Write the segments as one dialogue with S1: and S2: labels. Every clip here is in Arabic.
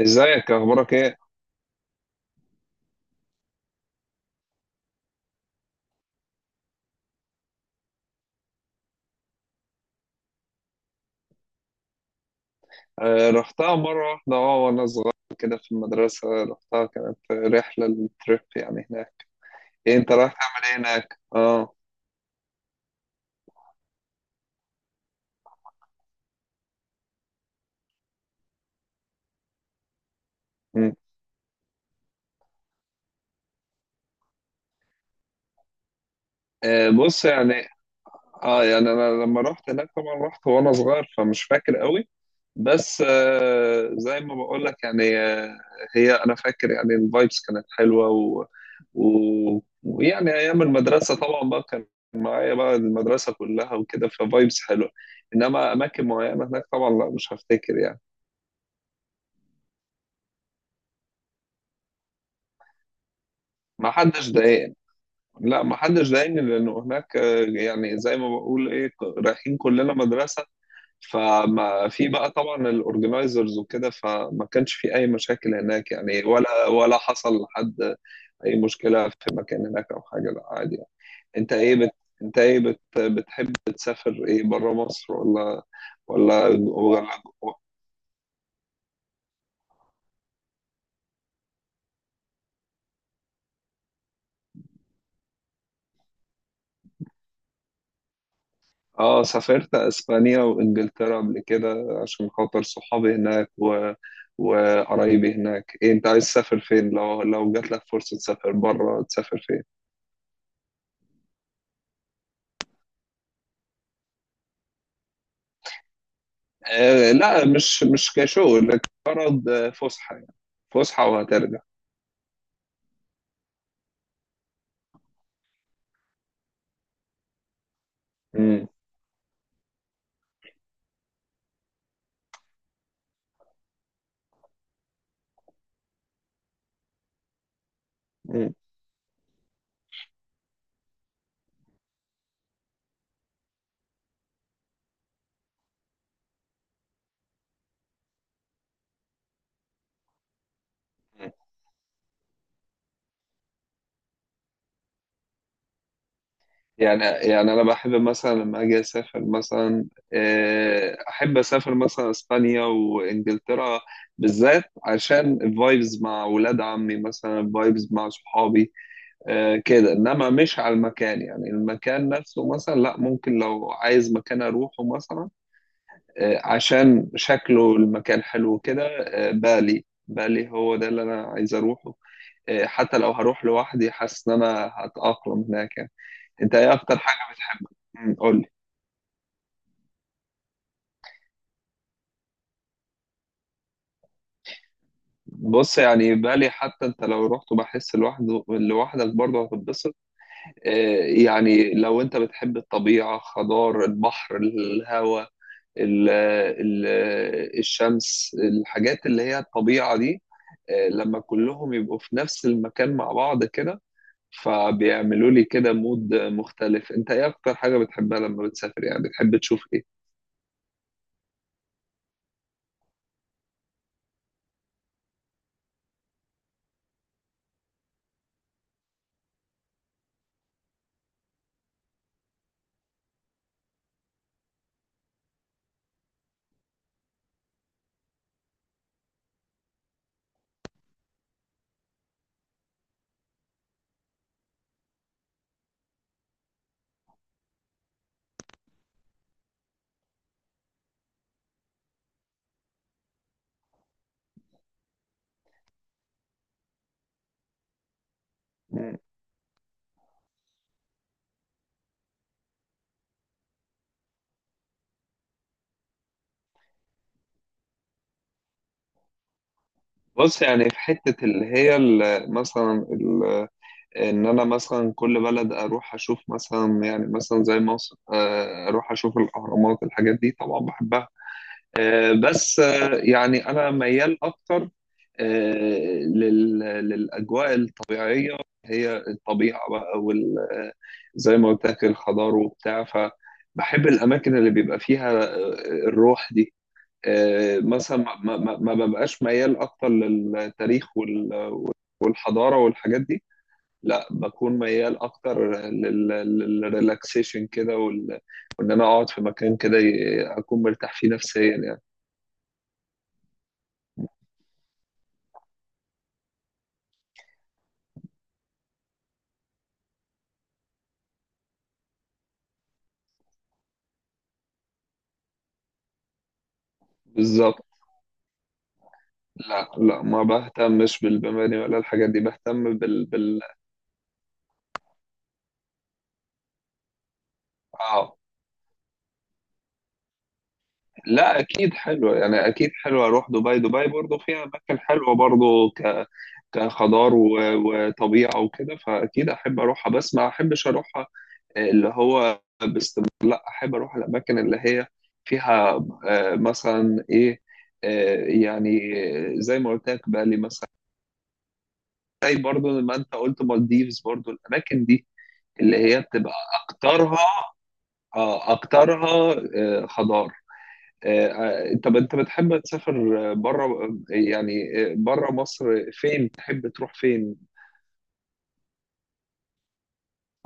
S1: ازيك؟ اخبارك ايه؟ آه، رحتها مره واحده، اه، وانا صغير كده في المدرسه. رحتها كانت رحله التريب يعني هناك. إيه، انت رايح تعمل ايه هناك؟ اه. مم. آه، بص يعني. اه يعني انا لما رحت هناك، طبعا رحت وانا صغير فمش فاكر قوي. بس زي ما بقول لك يعني، هي انا فاكر يعني الفايبس كانت حلوه، ويعني ايام المدرسه طبعا بقى كان معايا بقى المدرسه كلها وكده ففايبس حلوه. انما اماكن معينه هناك طبعا، لا، مش هفتكر يعني. ما حدش ضايقني. لا، ما حدش ضايقني لانه هناك، يعني زي ما بقول ايه، رايحين كلنا مدرسه. فما في بقى طبعا الاورجنايزرز وكده، فما كانش في اي مشاكل هناك يعني، ولا حصل لحد اي مشكله في مكان هناك او حاجه. لا، عادي يعني. انت ايه بت... بتحب تسافر ايه، بره مصر ولا جوه؟ اه، سافرت اسبانيا وانجلترا قبل كده عشان خاطر صحابي هناك وقرايبي هناك. إيه، انت عايز تسافر فين؟ لو جات لك فرصه تسافر بره، تسافر فين؟ آه، لا، مش كشغل، لكن غرض فسحه يعني. فسحه وهترجع. امم. يعني انا بحب مثلا لما اجي اسافر مثلا، احب اسافر مثلا اسبانيا وانجلترا، بالذات عشان الفايبز مع ولاد عمي، مثلا الفايبز مع صحابي. كده. انما مش على المكان يعني، المكان نفسه مثلا لا. ممكن لو عايز مكان اروحه مثلا، عشان شكله المكان حلو كده. بالي بالي، هو ده اللي انا عايز اروحه. حتى لو هروح لوحدي، حاسس ان انا هتأقلم هناك يعني. انت ايه اكتر حاجه بتحبها؟ قول لي. بص يعني، بالي، حتى انت لو رحت بحس لوحدك برضه هتتبسط. آه، يعني لو انت بتحب الطبيعه، خضار، البحر، الهواء، ال- ال- الشمس، الحاجات اللي هي الطبيعه دي. لما كلهم يبقوا في نفس المكان مع بعض كده، فبيعملوا لي كده مود مختلف. انت ايه اكتر حاجه بتحبها لما بتسافر يعني، بتحب تشوف ايه؟ بص يعني، في حتة اللي هي مثلا إن أنا مثلا كل بلد أروح أشوف مثلا يعني مثلا زي مصر، أروح أشوف الأهرامات، الحاجات دي طبعا بحبها. بس يعني أنا ميال أكتر للأجواء الطبيعية. هي الطبيعة بقى وال آه، زي ما قلت لك الخضار وبتاع. فبحب الأماكن اللي بيبقى فيها الروح دي. مثلا ما ببقاش ميال اكتر للتاريخ والحضاره والحاجات دي. لا، بكون ميال اكتر للريلاكسيشن كده وان انا اقعد في مكان كده، اكون مرتاح فيه نفسيا يعني. بالظبط. لا، لا، ما بهتمش بالمباني ولا الحاجات دي. بهتم بال اه، لا، اكيد حلوه يعني، اكيد حلوه اروح دبي. دبي برضو فيها اماكن حلوه برضو كخضار وطبيعه وكده، فاكيد احب اروحها. بس ما احبش اروح اللي هو باستمرار. لا، احب اروح الاماكن اللي هي فيها مثلا ايه، آه، يعني زي ما قلت لك بالي مثلا، زي برضو ما انت قلت مالديفز، برضو الاماكن دي اللي هي بتبقى اكترها اكترها خضار. طب انت بتحب تسافر بره يعني، بره مصر، فين تحب تروح فين؟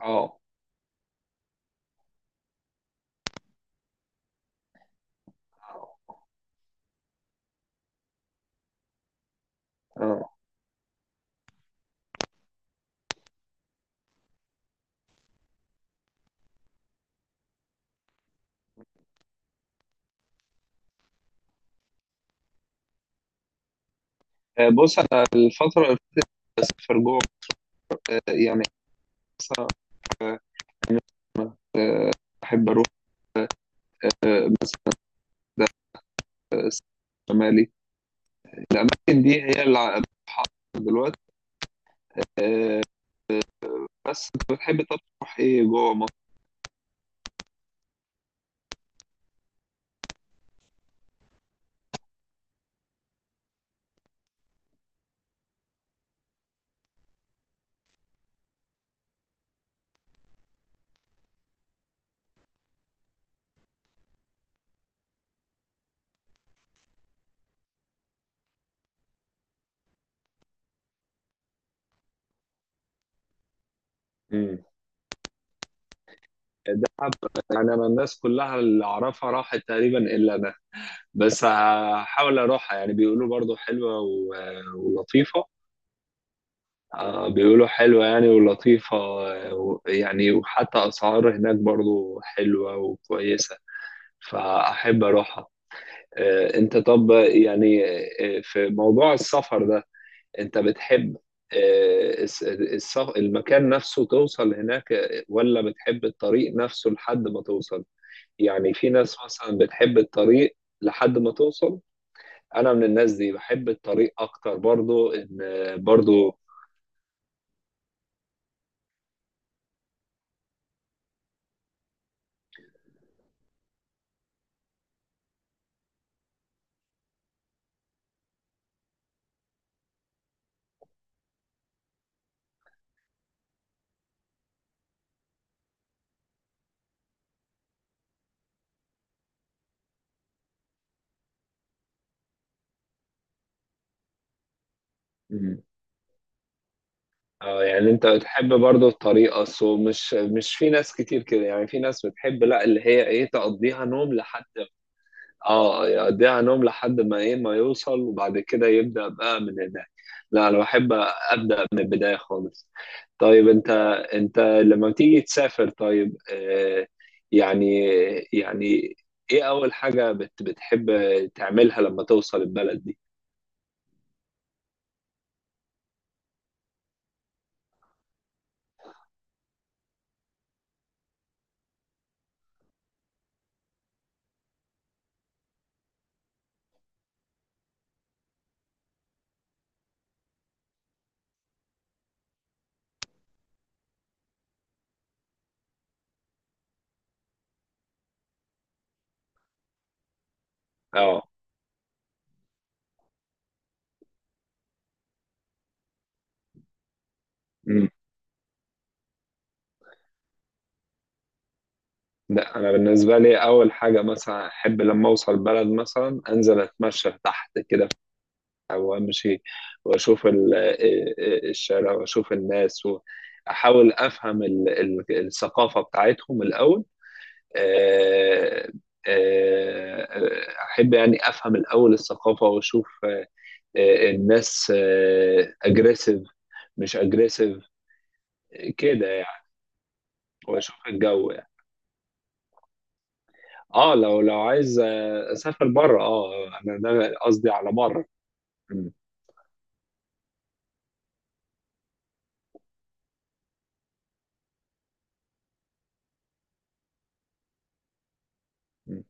S1: اه، اه، بص، انا الفتره اللي بسافر جوه، يعني، آه، احب اروح ده شمالي. الاماكن دي هي اللي بتحط دلوقتي. آه، بس انت بتحب طب تروح ايه جوه مصر؟ امم دهب، يعني انا الناس كلها اللي اعرفها راحت تقريبا الا انا. بس هحاول اروحها، يعني بيقولوا برضو حلوه ولطيفه. بيقولوا حلوه يعني ولطيفه، يعني وحتى اسعار هناك برضو حلوه وكويسه، فاحب اروحها. انت طب يعني في موضوع السفر ده، انت بتحب المكان نفسه توصل هناك، ولا بتحب الطريق نفسه لحد ما توصل؟ يعني في ناس مثلا بتحب الطريق لحد ما توصل. انا من الناس دي، بحب الطريق اكتر، برضو ان برضو. مم. اه، يعني انت بتحب برضو الطريق، اصله مش في ناس كتير كده يعني. في ناس بتحب، لا، اللي هي ايه، تقضيها نوم لحد. اه، يقضيها نوم لحد ما ايه، ما يوصل، وبعد كده يبدأ بقى من هناك. لا، انا بحب ابدأ من البداية خالص. طيب انت لما تيجي تسافر، طيب، يعني يعني ايه اول حاجة بتحب تعملها لما توصل البلد دي؟ اه. أمم. لا، انا بالنسبة لي اول حاجة، مثلا احب لما اوصل البلد، مثلا انزل اتمشى تحت كده وامشي، واشوف الشارع، واشوف الناس، واحاول افهم الثقافه بتاعتهم الاول. آه، احب يعني افهم الاول الثقافه، واشوف الناس اجريسيف مش اجريسيف كده يعني، واشوف الجو يعني. اه، لو عايز اسافر بره. اه انا ده قصدي على بره. م- م.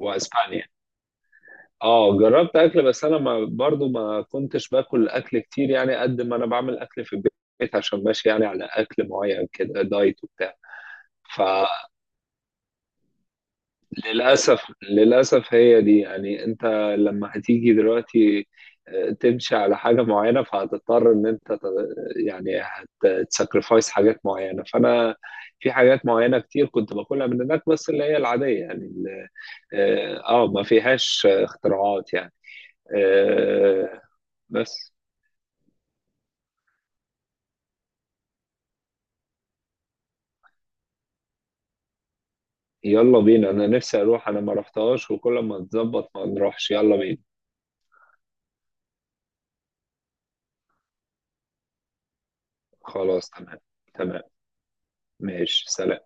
S1: واسبانيا. اه، جربت اكل، بس انا ما برضو ما كنتش باكل اكل كتير يعني. قد ما انا بعمل اكل في البيت، عشان ماشي يعني على اكل معين، كده دايت وبتاع. فللاسف هي دي يعني. انت لما هتيجي دلوقتي، تمشي على حاجه معينه، فهتضطر ان انت يعني هتسكرفايس حاجات معينه. فانا في حاجات معينه كتير كنت باكلها من هناك، بس اللي هي العاديه يعني ما فيهاش اختراعات يعني. آه، بس يلا بينا، انا نفسي اروح، انا ما رحتهاش وكل ما تظبط ما نروحش. يلا بينا. خلاص، تمام، تمام، ماشي، سلام.